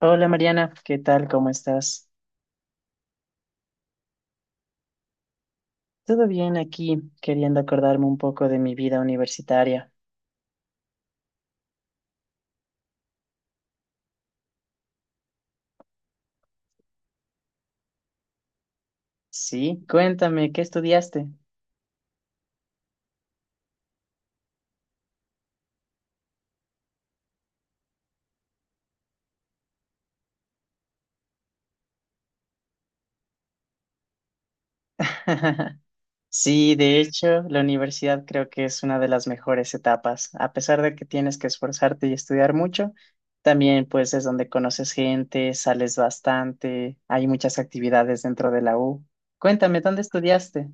Hola Mariana, ¿qué tal? ¿Cómo estás? Todo bien aquí, queriendo acordarme un poco de mi vida universitaria. Sí, cuéntame, ¿qué estudiaste? Sí, de hecho, la universidad creo que es una de las mejores etapas. A pesar de que tienes que esforzarte y estudiar mucho, también pues es donde conoces gente, sales bastante, hay muchas actividades dentro de la U. Cuéntame, ¿dónde estudiaste?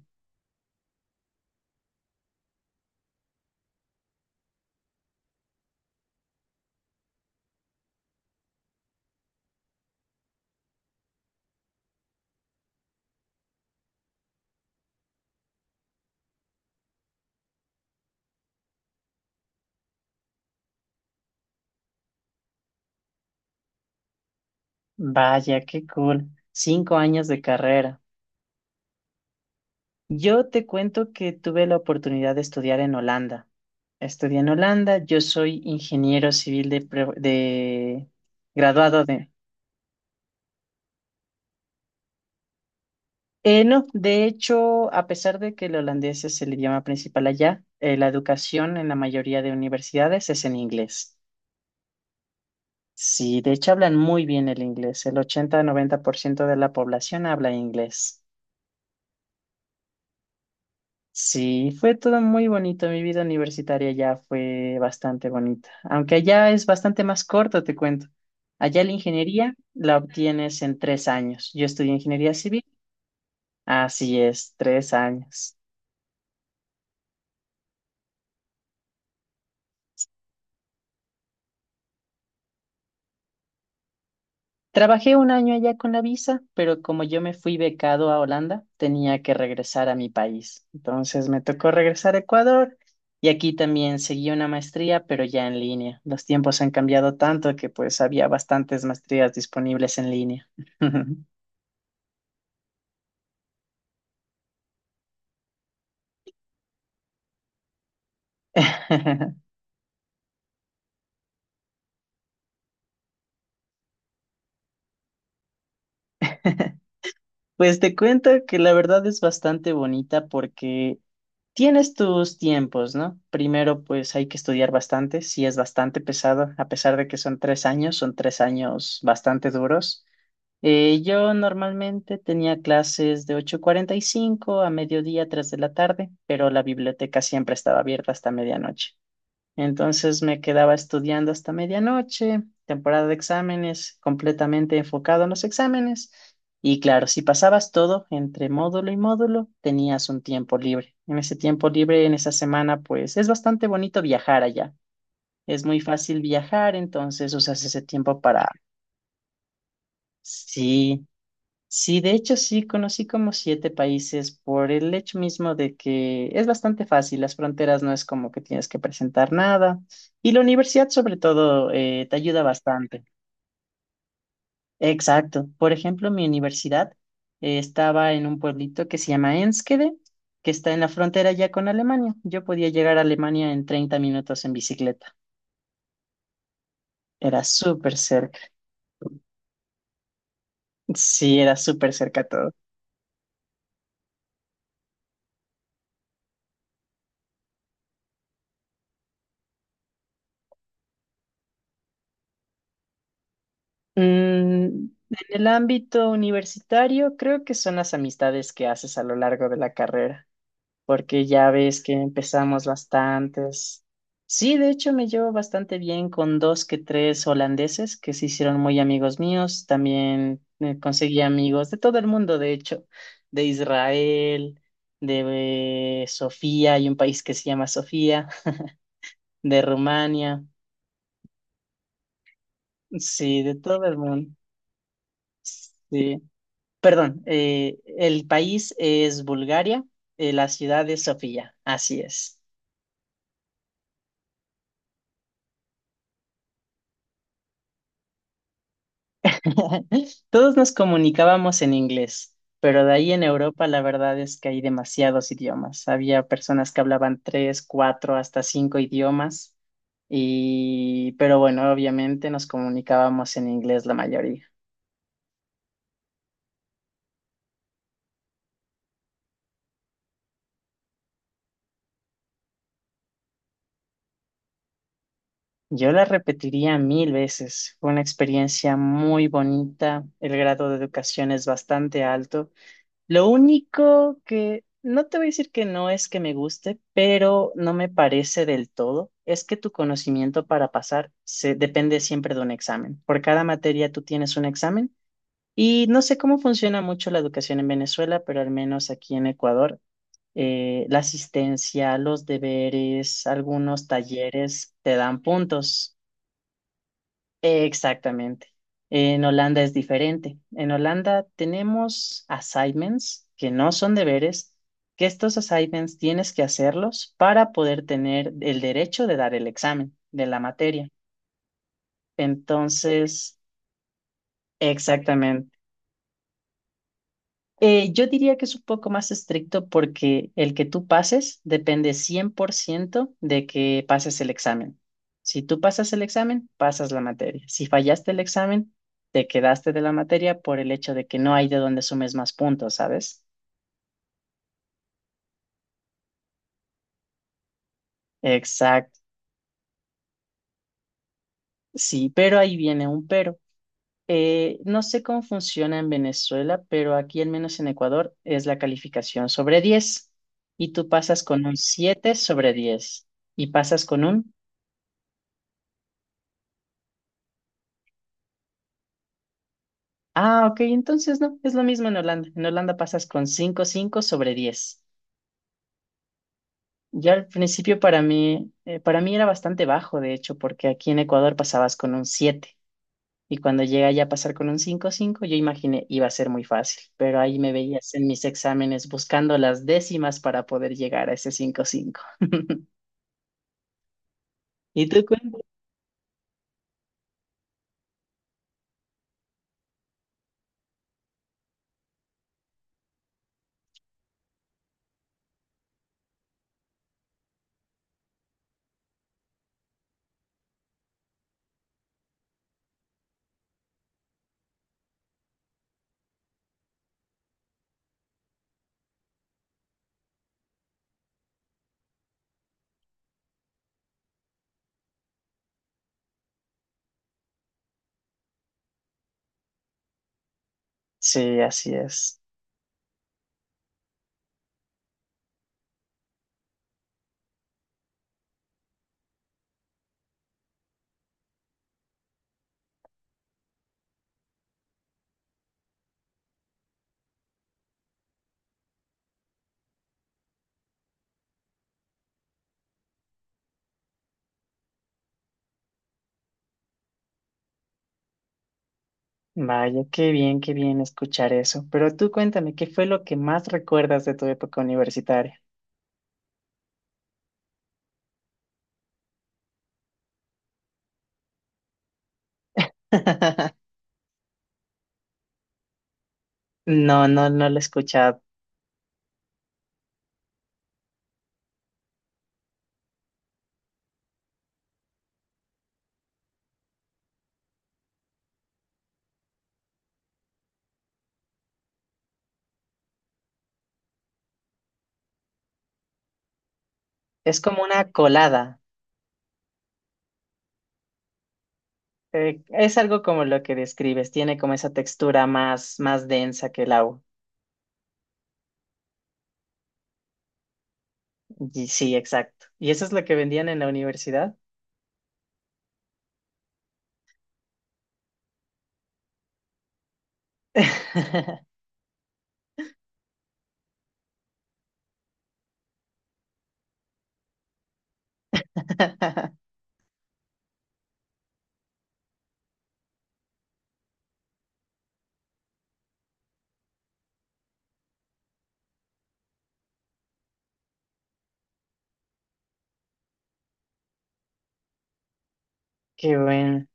Vaya, qué cool. 5 años de carrera. Yo te cuento que tuve la oportunidad de estudiar en Holanda. Estudié en Holanda, yo soy ingeniero civil graduado de... no, de hecho, a pesar de que el holandés es el idioma principal allá, la educación en la mayoría de universidades es en inglés. Sí, de hecho hablan muy bien el inglés. El 80-90% de la población habla inglés. Sí, fue todo muy bonito. Mi vida universitaria ya fue bastante bonita, aunque allá es bastante más corto, te cuento. Allá la ingeniería la obtienes en 3 años. Yo estudié ingeniería civil, así es, 3 años. Trabajé 1 año allá con la visa, pero como yo me fui becado a Holanda, tenía que regresar a mi país. Entonces me tocó regresar a Ecuador y aquí también seguí una maestría, pero ya en línea. Los tiempos han cambiado tanto que pues había bastantes maestrías disponibles en línea. Pues te cuento que la verdad es bastante bonita porque tienes tus tiempos, ¿no? Primero, pues hay que estudiar bastante, sí es bastante pesado, a pesar de que son 3 años, son 3 años bastante duros. Yo normalmente tenía clases de 8:45 a mediodía, 3 de la tarde, pero la biblioteca siempre estaba abierta hasta medianoche. Entonces me quedaba estudiando hasta medianoche, temporada de exámenes, completamente enfocado en los exámenes. Y claro, si pasabas todo entre módulo y módulo, tenías un tiempo libre. En ese tiempo libre, en esa semana, pues es bastante bonito viajar allá. Es muy fácil viajar, entonces usas ese tiempo para, sí, sí, de hecho sí, conocí como 7 países por el hecho mismo de que es bastante fácil, las fronteras no es como que tienes que presentar nada y la universidad sobre todo te ayuda bastante. Exacto. Por ejemplo, mi universidad estaba en un pueblito que se llama Enskede, que está en la frontera ya con Alemania. Yo podía llegar a Alemania en 30 minutos en bicicleta. Era súper cerca. Sí, era súper cerca todo. En el ámbito universitario, creo que son las amistades que haces a lo largo de la carrera, porque ya ves que empezamos bastantes. Sí, de hecho me llevo bastante bien con dos que tres holandeses que se hicieron muy amigos míos. También conseguí amigos de todo el mundo, de hecho, de Israel, de Sofía, hay un país que se llama Sofía, de Rumania, sí, de todo el mundo. Sí. Perdón, el país es Bulgaria, la ciudad es Sofía, así es. Todos nos comunicábamos en inglés, pero de ahí en Europa la verdad es que hay demasiados idiomas. Había personas que hablaban tres, cuatro, hasta 5 idiomas, y pero bueno, obviamente nos comunicábamos en inglés la mayoría. Yo la repetiría 1.000 veces. Fue una experiencia muy bonita, el grado de educación es bastante alto. Lo único que no te voy a decir que no es que me guste, pero no me parece del todo, es que tu conocimiento para pasar se depende siempre de un examen. Por cada materia tú tienes un examen y no sé cómo funciona mucho la educación en Venezuela, pero al menos aquí en Ecuador, la asistencia, los deberes, algunos talleres te dan puntos. Exactamente. En Holanda es diferente. En Holanda tenemos assignments que no son deberes, que estos assignments tienes que hacerlos para poder tener el derecho de dar el examen de la materia. Entonces, yo diría que es un poco más estricto porque el que tú pases depende 100% de que pases el examen. Si tú pasas el examen, pasas la materia. Si fallaste el examen, te quedaste de la materia por el hecho de que no hay de dónde sumes más puntos, ¿sabes? Exacto. Sí, pero ahí viene un pero. No sé cómo funciona en Venezuela, pero aquí, al menos en Ecuador, es la calificación sobre 10 y tú pasas con un 7 sobre 10 y pasas con un... Ah, ok, entonces no, es lo mismo en Holanda. En Holanda pasas con 5,5 sobre 10. Yo al principio para mí era bastante bajo, de hecho, porque aquí en Ecuador pasabas con un 7 y cuando llegué ya a pasar con un 5,5, yo imaginé iba a ser muy fácil, pero ahí me veías en mis exámenes buscando las décimas para poder llegar a ese 5,5. ¿Y tú cuéntame? Sí, así es. Vaya, qué bien escuchar eso. Pero tú cuéntame, ¿qué fue lo que más recuerdas de tu época universitaria? No, no, no lo he escuchado. Es como una colada. Es algo como lo que describes. Tiene como esa textura más densa que el agua. Y sí, exacto. ¿Y eso es lo que vendían en la universidad? Qué bueno.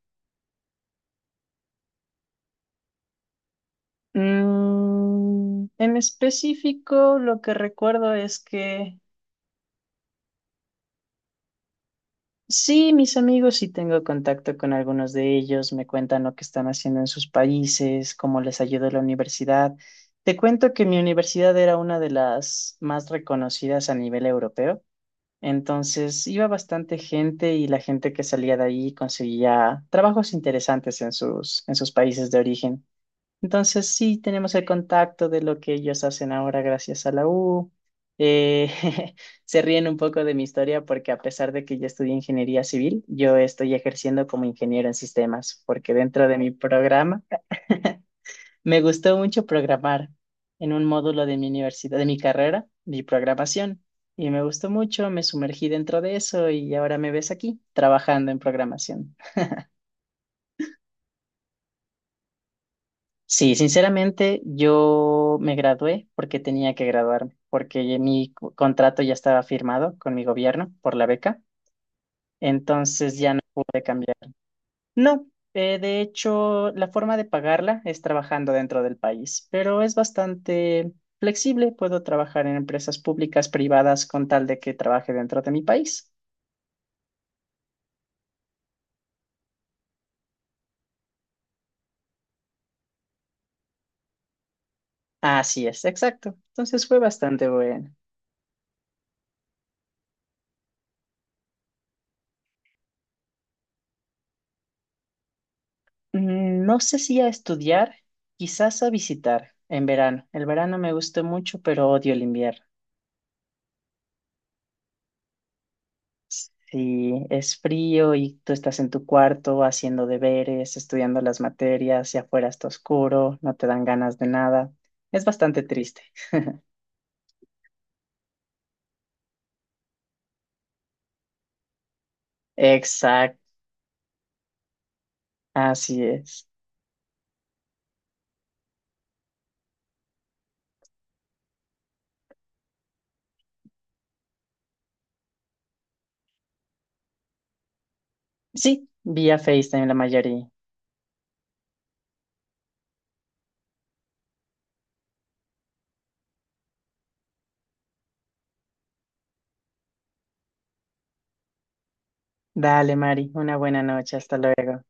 En específico, lo que recuerdo es que sí, mis amigos, sí tengo contacto con algunos de ellos, me cuentan lo que están haciendo en sus países, cómo les ayudó la universidad. Te cuento que mi universidad era una de las más reconocidas a nivel europeo, entonces iba bastante gente y la gente que salía de ahí conseguía trabajos interesantes en sus países de origen. Entonces sí tenemos el contacto de lo que ellos hacen ahora gracias a la U. Eh, se ríen un poco de mi historia porque a pesar de que yo estudié ingeniería civil, yo estoy ejerciendo como ingeniero en sistemas, porque dentro de mi programa me gustó mucho programar en un módulo de mi universidad, de mi carrera, mi programación, y me gustó mucho, me sumergí dentro de eso y ahora me ves aquí trabajando en programación. Sí, sinceramente yo me gradué porque tenía que graduarme, porque ya mi contrato ya estaba firmado con mi gobierno por la beca, entonces ya no pude cambiar. No, de hecho la forma de pagarla es trabajando dentro del país, pero es bastante flexible, puedo trabajar en empresas públicas, privadas, con tal de que trabaje dentro de mi país. Así es, exacto. Entonces fue bastante bueno. No sé si a estudiar, quizás a visitar en verano. El verano me gusta mucho, pero odio el invierno. Si es frío y tú estás en tu cuarto haciendo deberes, estudiando las materias, y afuera está oscuro, no te dan ganas de nada. Es bastante triste. Exacto, así es. Sí, vía Face también la mayoría. Dale, Mari, una buena noche, hasta luego.